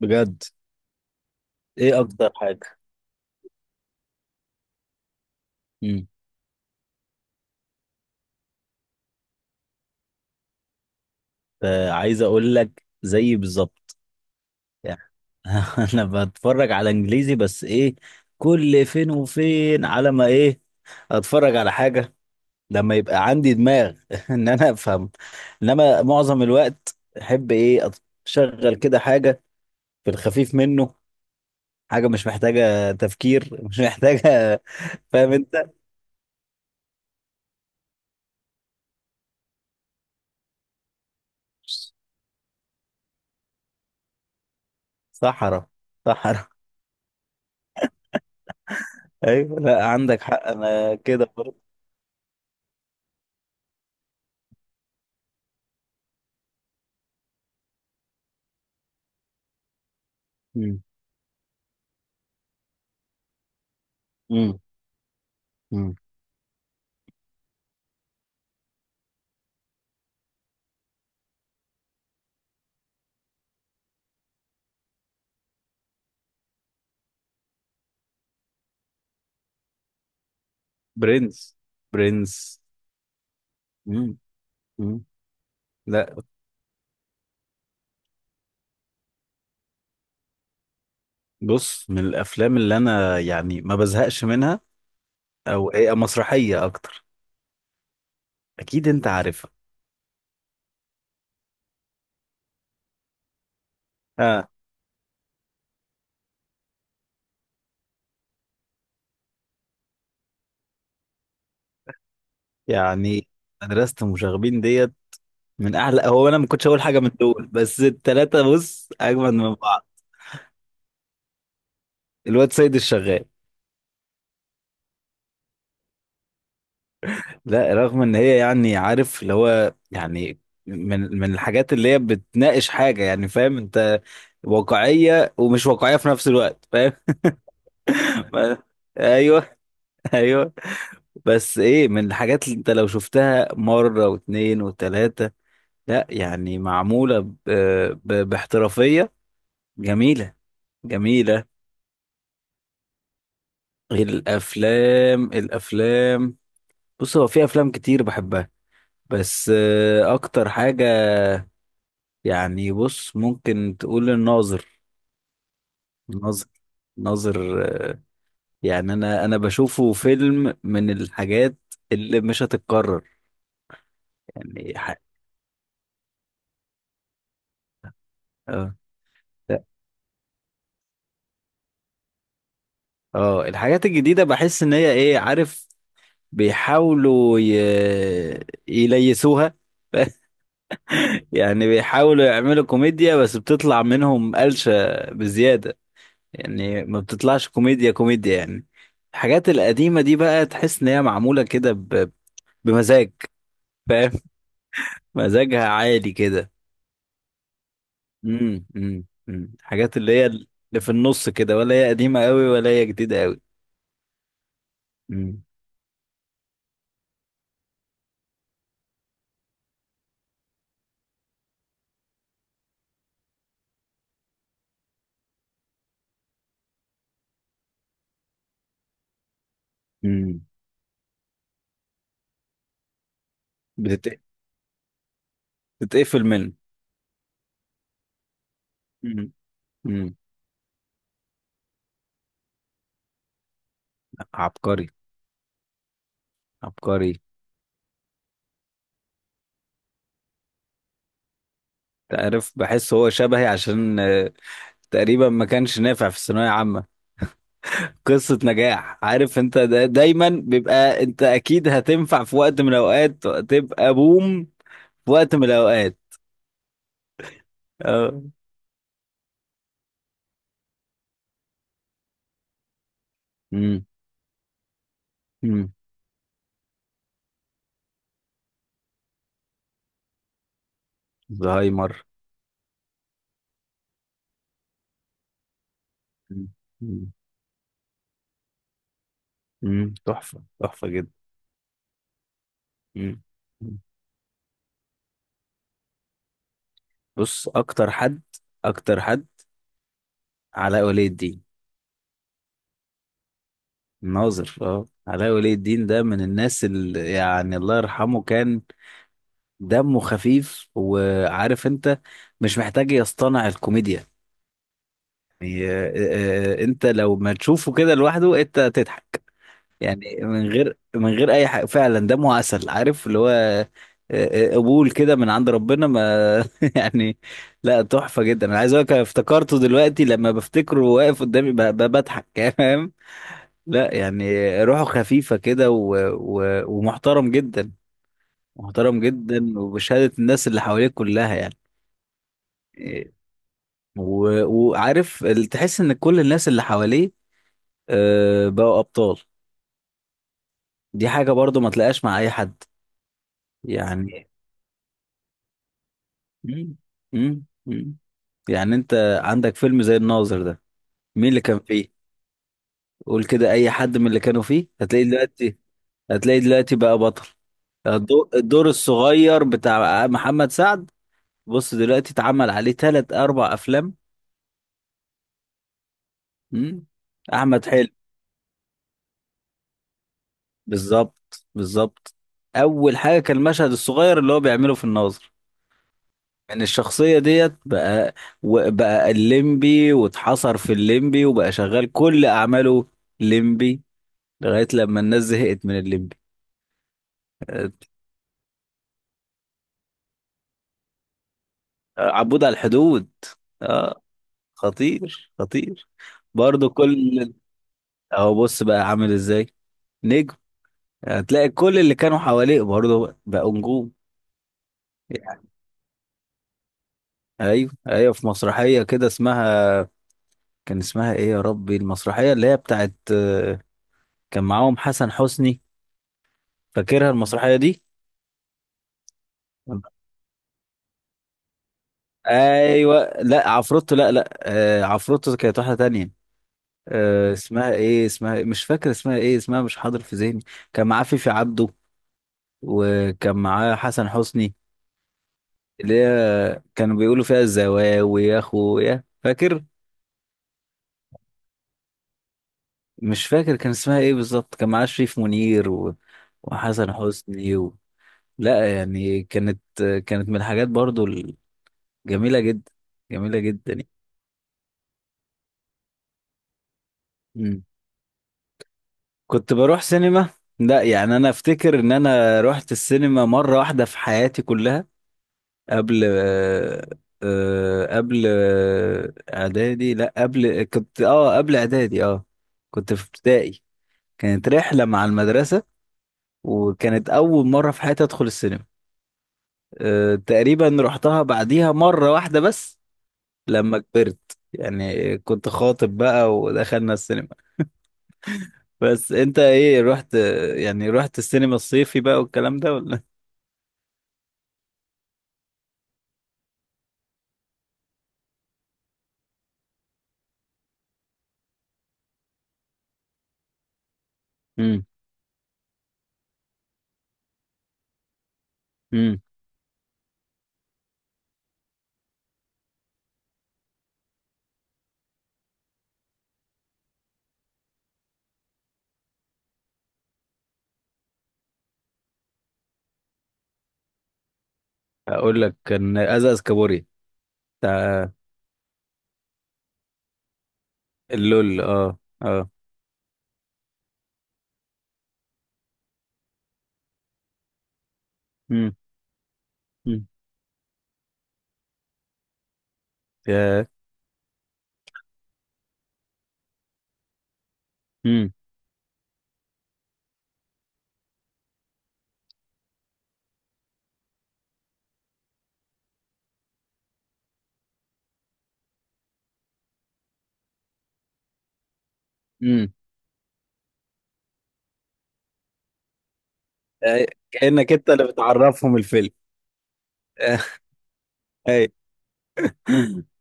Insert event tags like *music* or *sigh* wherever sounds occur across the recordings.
بجد. ايه اكتر حاجه؟ امم. عايز اقول لك زي بالظبط يعني. *laughs* انا بتفرج على انجليزي، بس ايه، كل فين وفين على ما ايه اتفرج على حاجه لما يبقى عندي دماغ *laughs* ان انا افهم. انما معظم الوقت، احب ايه، اشغل كده حاجه في الخفيف منه، حاجه مش محتاجه تفكير، مش محتاجه. *laughs* فاهم انت؟ صحراء. صحراء. *laughs* ايوه، لا عندك حق، انا كده برضه. امم. برنس. برنس. مم. مم. لا، بص، من الافلام اللي انا يعني ما بزهقش منها، او هي مسرحيه اكتر. اكيد انت عارفها. اه. يعني مدرسه المشاغبين ديت من اعلى. هو انا ما كنتش اقول حاجه من دول، بس التلاته بص اجمل من بعض. الواد سيد الشغال. لا، رغم ان هي يعني عارف اللي هو يعني من الحاجات اللي هي بتناقش حاجه، يعني فاهم انت؟ واقعيه ومش واقعيه في نفس الوقت، فاهم. *laughs* ايوه. *laughs* ايوه. بس ايه، من الحاجات اللي انت لو شفتها مره واتنين وتلاته، لا يعني معموله باحترافيه. جميله. جميله. غير الافلام. بص هو في افلام كتير بحبها، بس اكتر حاجه يعني، بص ممكن تقول الناظر. الناظر. الناظر. آه، يعني انا بشوفه فيلم من الحاجات اللي مش هتتكرر. يعني اه. اه. الحاجات الجديدة، بحس ان هي ايه، عارف، بيحاولوا يليسوها. *laughs* يعني بيحاولوا يعملوا كوميديا، بس بتطلع منهم قلشة بزيادة، يعني ما بتطلعش كوميديا كوميديا يعني. الحاجات القديمة دي بقى تحس ان هي معمولة كده بمزاج. فاهم. *laughs* مزاجها عالي كده. امم. امم. أمم. الحاجات اللي هي في النص كده، ولا هي قديمة قوي ولا هي جديدة قوي. امم. امم. بتت... بتتقفل منه. امم. عبقري. عبقري. تعرف، بحس هو شبهي، عشان تقريبا ما كانش نافع في الثانوية عامة. قصة نجاح، عارف انت، دا دايما بيبقى انت اكيد هتنفع في وقت من الاوقات، تبقى بوم في وقت من الاوقات. اه. امم. امم. زهايمر. مم. مم. مم. تحفة تحفة جدا. مم. مم. بص اكتر حد، اكتر حد، علاء ولي الدين. ناظر. اه، علاء ولي الدين ده من الناس اللي، يعني الله يرحمه، كان دمه خفيف، وعارف انت، مش محتاج يصطنع الكوميديا. يعني انت لو ما تشوفه كده لوحده انت تضحك. يعني من غير اي حاجه، فعلا دمه عسل، عارف اللي هو قبول كده من عند ربنا ما. *laughs* يعني، لا تحفه جدا، انا عايز اقول لك أنا افتكرته دلوقتي لما بفتكره واقف قدامي بضحك. *laughs* فاهم؟ لا يعني روحه خفيفه كده ومحترم جدا، محترم جدا، وبشهاده الناس اللي حواليه كلها يعني، وعارف تحس ان كل الناس اللي حواليه بقوا ابطال. دي حاجه برضو ما تلاقاش مع اي حد، يعني. مم. مم. مم. يعني انت عندك فيلم زي الناظر ده، مين اللي كان فيه؟ قول كده اي حد من اللي كانوا فيه هتلاقي دلوقتي، هتلاقي دلوقتي بقى بطل. الدور الصغير بتاع محمد سعد بص دلوقتي اتعمل عليه ثلاث اربع افلام. مم. احمد حلمي، بالظبط بالظبط، اول حاجه كان المشهد الصغير اللي هو بيعمله في الناظر، يعني الشخصيه ديت بقى، بقى الليمبي واتحصر في الليمبي، وبقى شغال كل اعماله ليمبي لغايه لما الناس زهقت من الليمبي. آه، عبود على الحدود. اه، خطير خطير. برضو كل اهو بص بقى عامل ازاي، نجم، هتلاقي كل اللي كانوا حواليه برضو بقوا نجوم، يعني. ايوه ايوه في مسرحيه كده اسمها، كان اسمها ايه يا ربي، المسرحية اللي هي بتاعت كان معاهم حسن حسني، فاكرها المسرحية دي؟ ايوه، لا عفروتو، لا لا، عفروتو كانت واحدة تانية. اسمها ايه، اسمها إيه؟ مش فاكر اسمها ايه، اسمها مش حاضر في ذهني. كان معاه فيفي عبده، وكان معاه حسن حسني، اللي هي كانوا بيقولوا فيها الزواوي يا اخويا، فاكر. مش فاكر كان اسمها ايه بالظبط، كان معاه شريف منير و... وحسن حسني و... لا يعني، كانت من الحاجات برضو جميلة جدا، جميلة جدا يعني. مم. كنت بروح سينما. لا يعني انا افتكر ان انا رحت السينما مرة واحدة في حياتي كلها، قبل اعدادي، لا قبل، كنت قبل اعدادي. اه. كنت في ابتدائي، كانت رحلة مع المدرسة، وكانت اول مرة في حياتي ادخل السينما. تقريبا رحتها بعديها مرة واحدة بس، لما كبرت يعني، كنت خاطب بقى ودخلنا السينما. بس انت ايه رحت، يعني رحت السينما الصيفي بقى والكلام ده ولا؟ امم. امم. اقول لك كان ازاز كابوري بتاع، اللول. اه. اه. امم. امم. يا. امم. امم. كأنك انت اللي بتعرفهم الفيلم. *laughs* ايوه.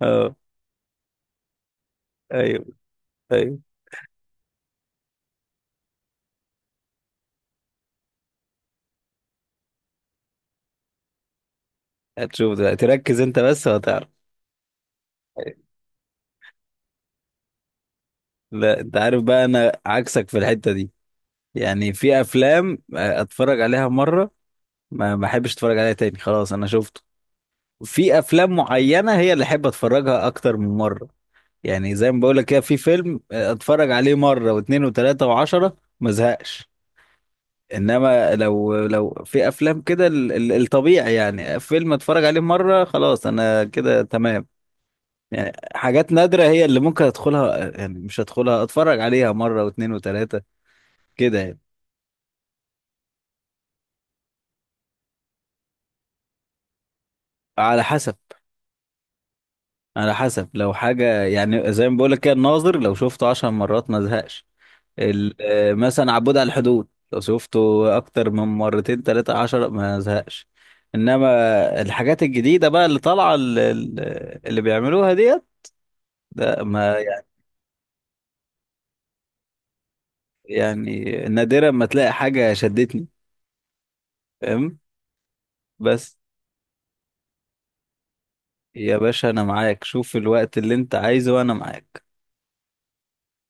اه. ايوه. ايوه. هتشوف ده، تركز انت بس وهتعرف. لا انت عارف بقى، انا عكسك في الحتة دي، يعني في افلام اتفرج عليها مرة، ما احبش اتفرج عليها تاني خلاص انا شفت. في افلام معينه هي اللي احب اتفرجها اكتر من مره، يعني زي ما بقول لك كده في فيلم اتفرج عليه مره واثنين وثلاثه وعشرة ما زهقش. انما لو في افلام كده، الطبيعي يعني فيلم اتفرج عليه مره خلاص انا كده تمام. يعني حاجات نادره هي اللي ممكن ادخلها، يعني مش ادخلها اتفرج عليها مره واثنين وثلاثه كده يعني. على حسب، على حسب لو حاجه، يعني زي ما بقول لك كده الناظر لو شفته 10 مرات ما زهقش. مثلا عبود على الحدود لو شفته اكتر من مرتين تلاتة عشر ما زهقش. انما الحاجات الجديدة بقى اللي طالعة، اللي بيعملوها ديت ده ما، يعني نادرا ما تلاقي حاجة شدتني، فاهم. بس يا باشا انا معاك، شوف الوقت اللي انت عايزه وانا معاك.